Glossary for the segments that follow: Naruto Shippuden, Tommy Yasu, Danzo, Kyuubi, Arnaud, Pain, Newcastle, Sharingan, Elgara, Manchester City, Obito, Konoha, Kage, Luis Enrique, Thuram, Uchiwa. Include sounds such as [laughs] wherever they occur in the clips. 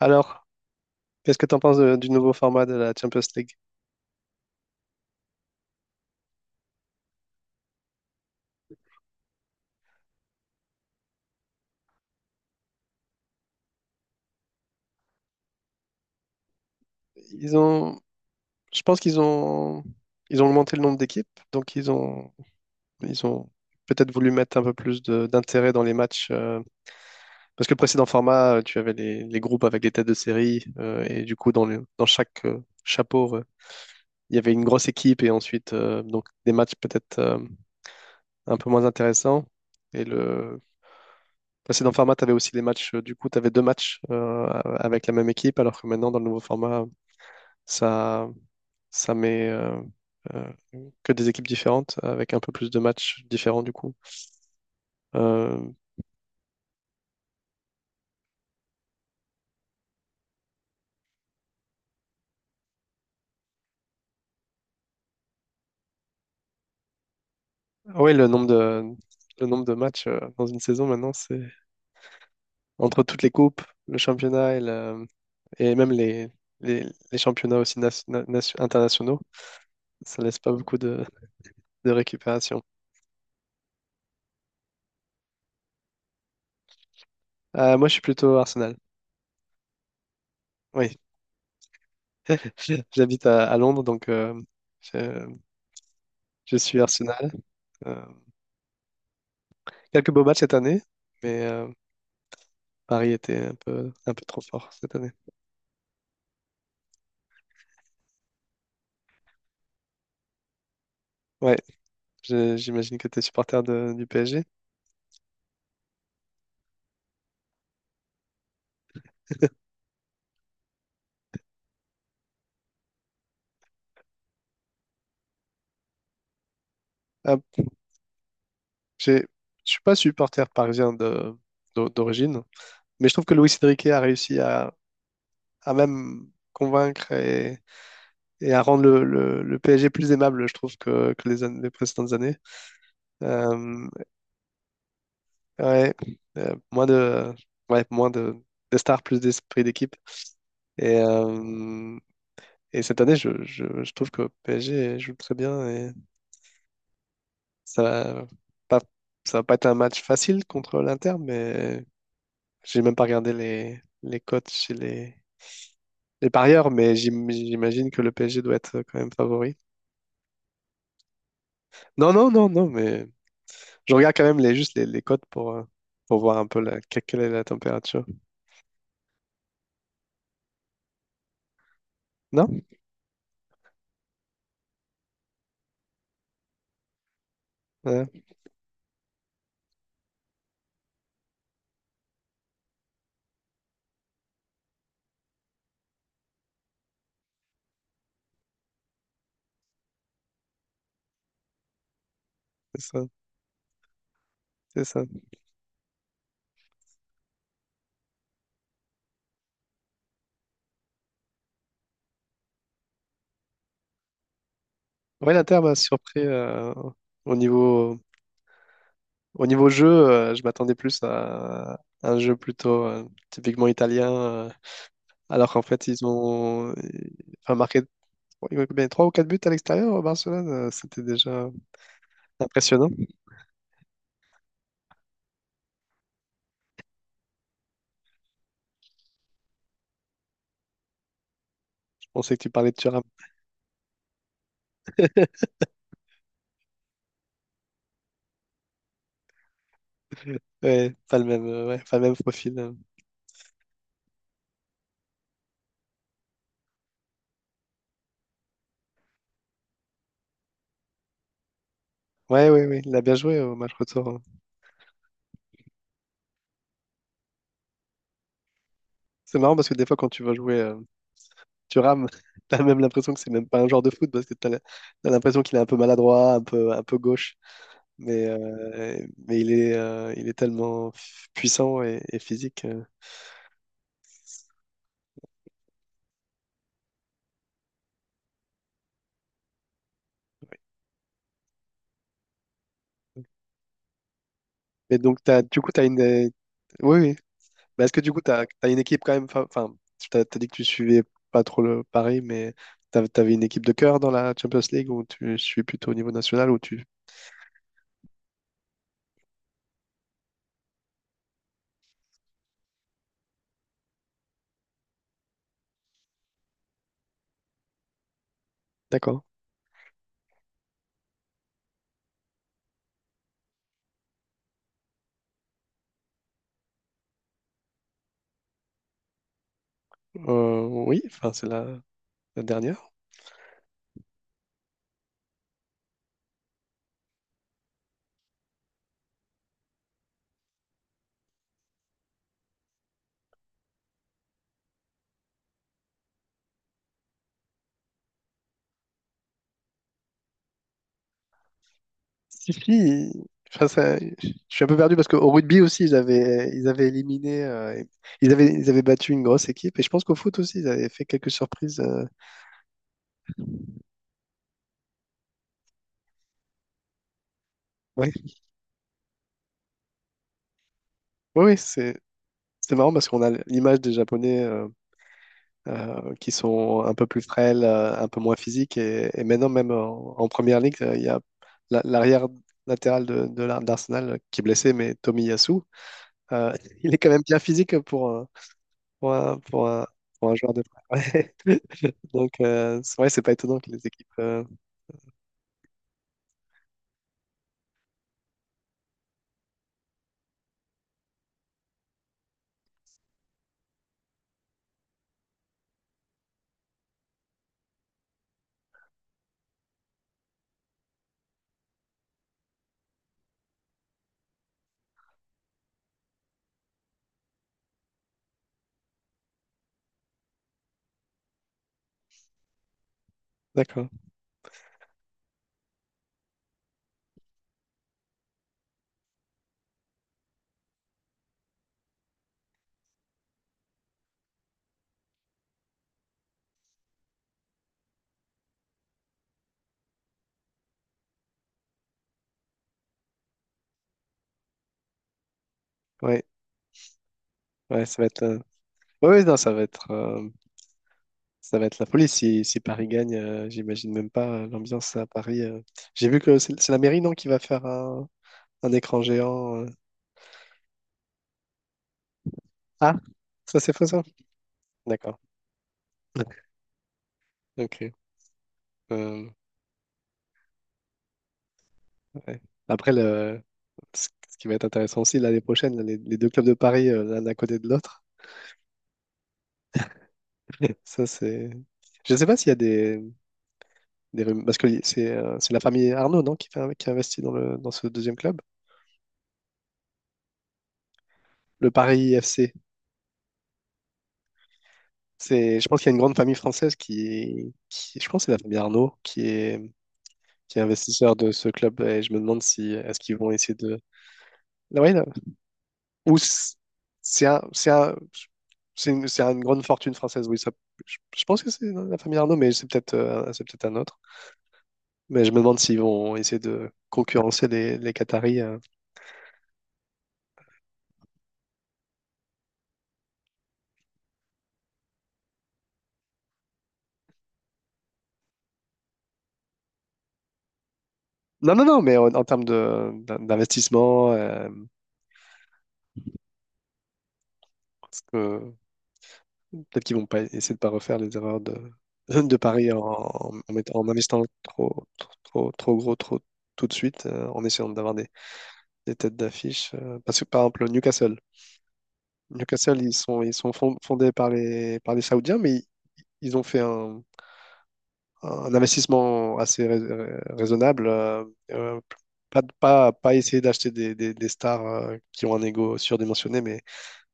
Alors, qu'est-ce que tu en penses du nouveau format de la Champions League? Ils ont, je pense qu'ils ont augmenté le nombre d'équipes, donc ils ont peut-être voulu mettre un peu plus d'intérêt dans les matchs, parce que le précédent format, tu avais les groupes avec les têtes de série, et du coup dans dans chaque chapeau, il y avait une grosse équipe et ensuite donc des matchs peut-être un peu moins intéressants. Et le précédent format, tu avais aussi les matchs, du coup tu avais deux matchs avec la même équipe, alors que maintenant dans le nouveau format. Ça, ça met euh, que des équipes différentes avec un peu plus de matchs différents du coup. Euh, ah ouais, le nombre de matchs dans une saison maintenant, c'est entre toutes les coupes, le championnat et et même les, les championnats aussi internationaux. Ça laisse pas beaucoup de récupération. Moi, je suis plutôt Arsenal. Oui, [laughs] j'habite à Londres, donc je, je suis Arsenal. Euh, Quelques beaux matchs cette année, mais Paris était un peu trop fort cette année. Ouais, j'imagine que tu es supporter du PSG. Ah, j'ai- je suis pas supporter parisien de, d'origine, mais je trouve que Luis Enrique a réussi à même convaincre et et à rendre le PSG plus aimable, je trouve, que les, les précédentes années. Euh, ouais, Moins ouais, moins de stars, plus d'esprit d'équipe. Et, euh, et cette année, je trouve que PSG joue très bien. Ça va pas, Ça va pas être un match facile contre l'Inter, mais j'ai même pas regardé les cotes chez les parieurs, mais j'imagine que le PSG doit être quand même favori. Non, non, non, non, mais je regarde quand même les, juste les cotes pour voir un peu quelle est la température. Non? Ouais, c'est ça, c'est ça. Ouais, l'Inter m'a surpris au niveau, au niveau jeu, je m'attendais plus à un jeu plutôt typiquement italien. Alors qu'en fait, ils ont, enfin, marqué. Ouais, ils ont combien? Trois ou 4 buts à l'extérieur, Barcelone? C'était déjà impressionnant. Je pensais que tu parlais de Thuram. [laughs] Ouais, pas le même, ouais, pas le même profil. Ouais, ouais, ouais, il a bien joué au match retour, hein. C'est marrant parce que des fois, quand tu vas jouer Thuram, [laughs] t'as même l'impression que c'est même pas un joueur de foot parce que t'as l'impression qu'il est un peu maladroit, un peu gauche. Mais il est tellement puissant et physique. Et donc, t'as, du coup, t'as une. Oui, oui, mais est-ce que du coup, t'as une équipe quand même, enfin, t'as dit que tu suivais pas trop le Paris, mais t'avais une équipe de cœur dans la Champions League ou tu suis plutôt au niveau national ou tu... D'accord. Oui, enfin, c'est la dernière. Si, si, enfin, ça- je suis un peu perdu parce qu'au rugby aussi, ils avaient éliminé, ils avaient battu une grosse équipe et je pense qu'au foot aussi, ils avaient fait quelques surprises. Oui, oui, oui, c'est marrant parce qu'on a l'image des Japonais, qui sont un peu plus frêles, un peu moins physiques. Et maintenant, même en, en première ligue, il y a l'arrière latéral de, d'Arsenal qui est blessé, mais Tommy Yasu, [laughs] il est quand même bien physique pour un, pour un, pour un, pour un joueur de prêt. [laughs] Ouais. Donc, c'est vrai, c'est pas étonnant que les équipes. D'accord. Ouais, ouais, ça va être. Ouais, ouais, non, ça va être. Ça va être la folie si, si Paris gagne. J'imagine même pas l'ambiance à Paris. J'ai vu que c'est la mairie, non, qui va faire un écran géant. Ah, ça c'est faux ça? D'accord. [laughs] Ok. Euh, ouais. Après, le... Ce ce qui va être intéressant aussi l'année prochaine, là, les deux clubs de Paris, l'un à côté de l'autre. [laughs] Ça c'est. Je ne sais pas s'il y a des, parce que c'est la famille Arnaud, non, qui investit dans le dans ce deuxième club, le Paris FC. C'est, je pense qu'il y a une grande famille française je pense, que c'est la famille Arnaud qui est investisseur de ce club et je me demande si est-ce qu'ils vont essayer de. Oui. Ou c- c'est un, c'est une grande fortune française, oui. Ça- je pense que c'est dans la famille Arnaud, mais c'est peut-être c'est peut-être un autre. Mais je me demande s'ils vont essayer de concurrencer les Qataris. Non, non, non, mais en, en termes de, d'investissement, parce que peut-être qu'ils vont pas essayer de pas refaire les erreurs de, [laughs] de Paris en, en, en investissant trop, trop, trop, trop gros, trop tout de suite, en essayant d'avoir des têtes d'affiche. Euh, parce que par exemple, Newcastle. Newcastle, ils sont fondés par les Saoudiens, mais ils ont fait un investissement assez raisonnable. Euh, Pas, pas, pas essayer d'acheter des, des stars qui ont un ego surdimensionné, mais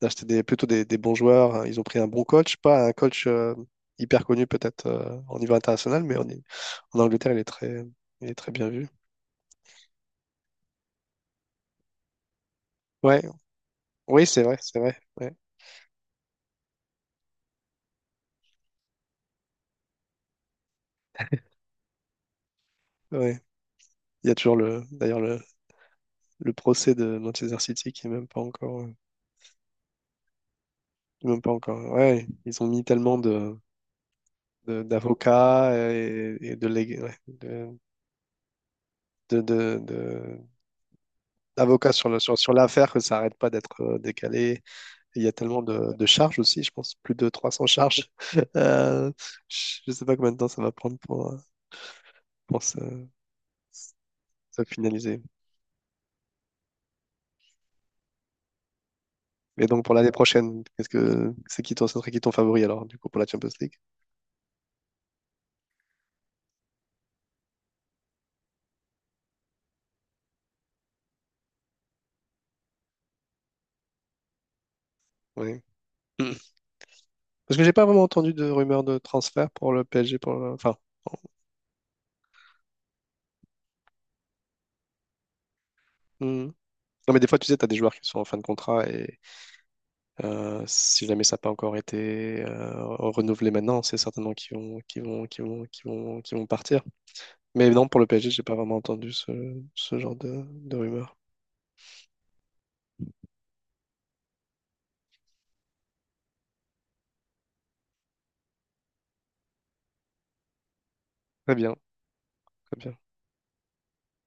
d'acheter des, plutôt des bons joueurs. Ils ont pris un bon coach, pas un coach hyper connu peut-être au niveau international, mais en, en Angleterre, il est très bien vu. Ouais, oui, c'est vrai, c'est vrai. Ouais, ouais. Il y a toujours le, d'ailleurs le procès de Manchester City qui est même pas encore. Même pas encore. Ouais, ils ont mis tellement de, d'avocats et de, ouais, de, de- de- d'avocats sur le, sur, sur l'affaire que ça arrête pas d'être décalé. Et il y a tellement de charges aussi, je pense, plus de 300 charges. [laughs] Euh, je sais pas combien de temps ça va prendre pour se, se finaliser. Et donc pour l'année prochaine, qu'est-ce que c'est qui ton, ce serait qui ton favori alors, du coup, pour la Champions League? Oui. Parce que j'ai pas vraiment entendu de rumeurs de transfert pour le PSG. Pour le- enfin, hmm. Non, mais des fois, tu sais, tu as des joueurs qui sont en fin de contrat et si jamais ça n'a pas encore été renouvelé maintenant, c'est certainement qu'ils vont, qu'ils vont, qu'ils vont, qu'ils vont, qu'ils vont partir. Mais non, pour le PSG, j'ai pas vraiment entendu ce, ce genre de rumeurs. Très bien, très bien.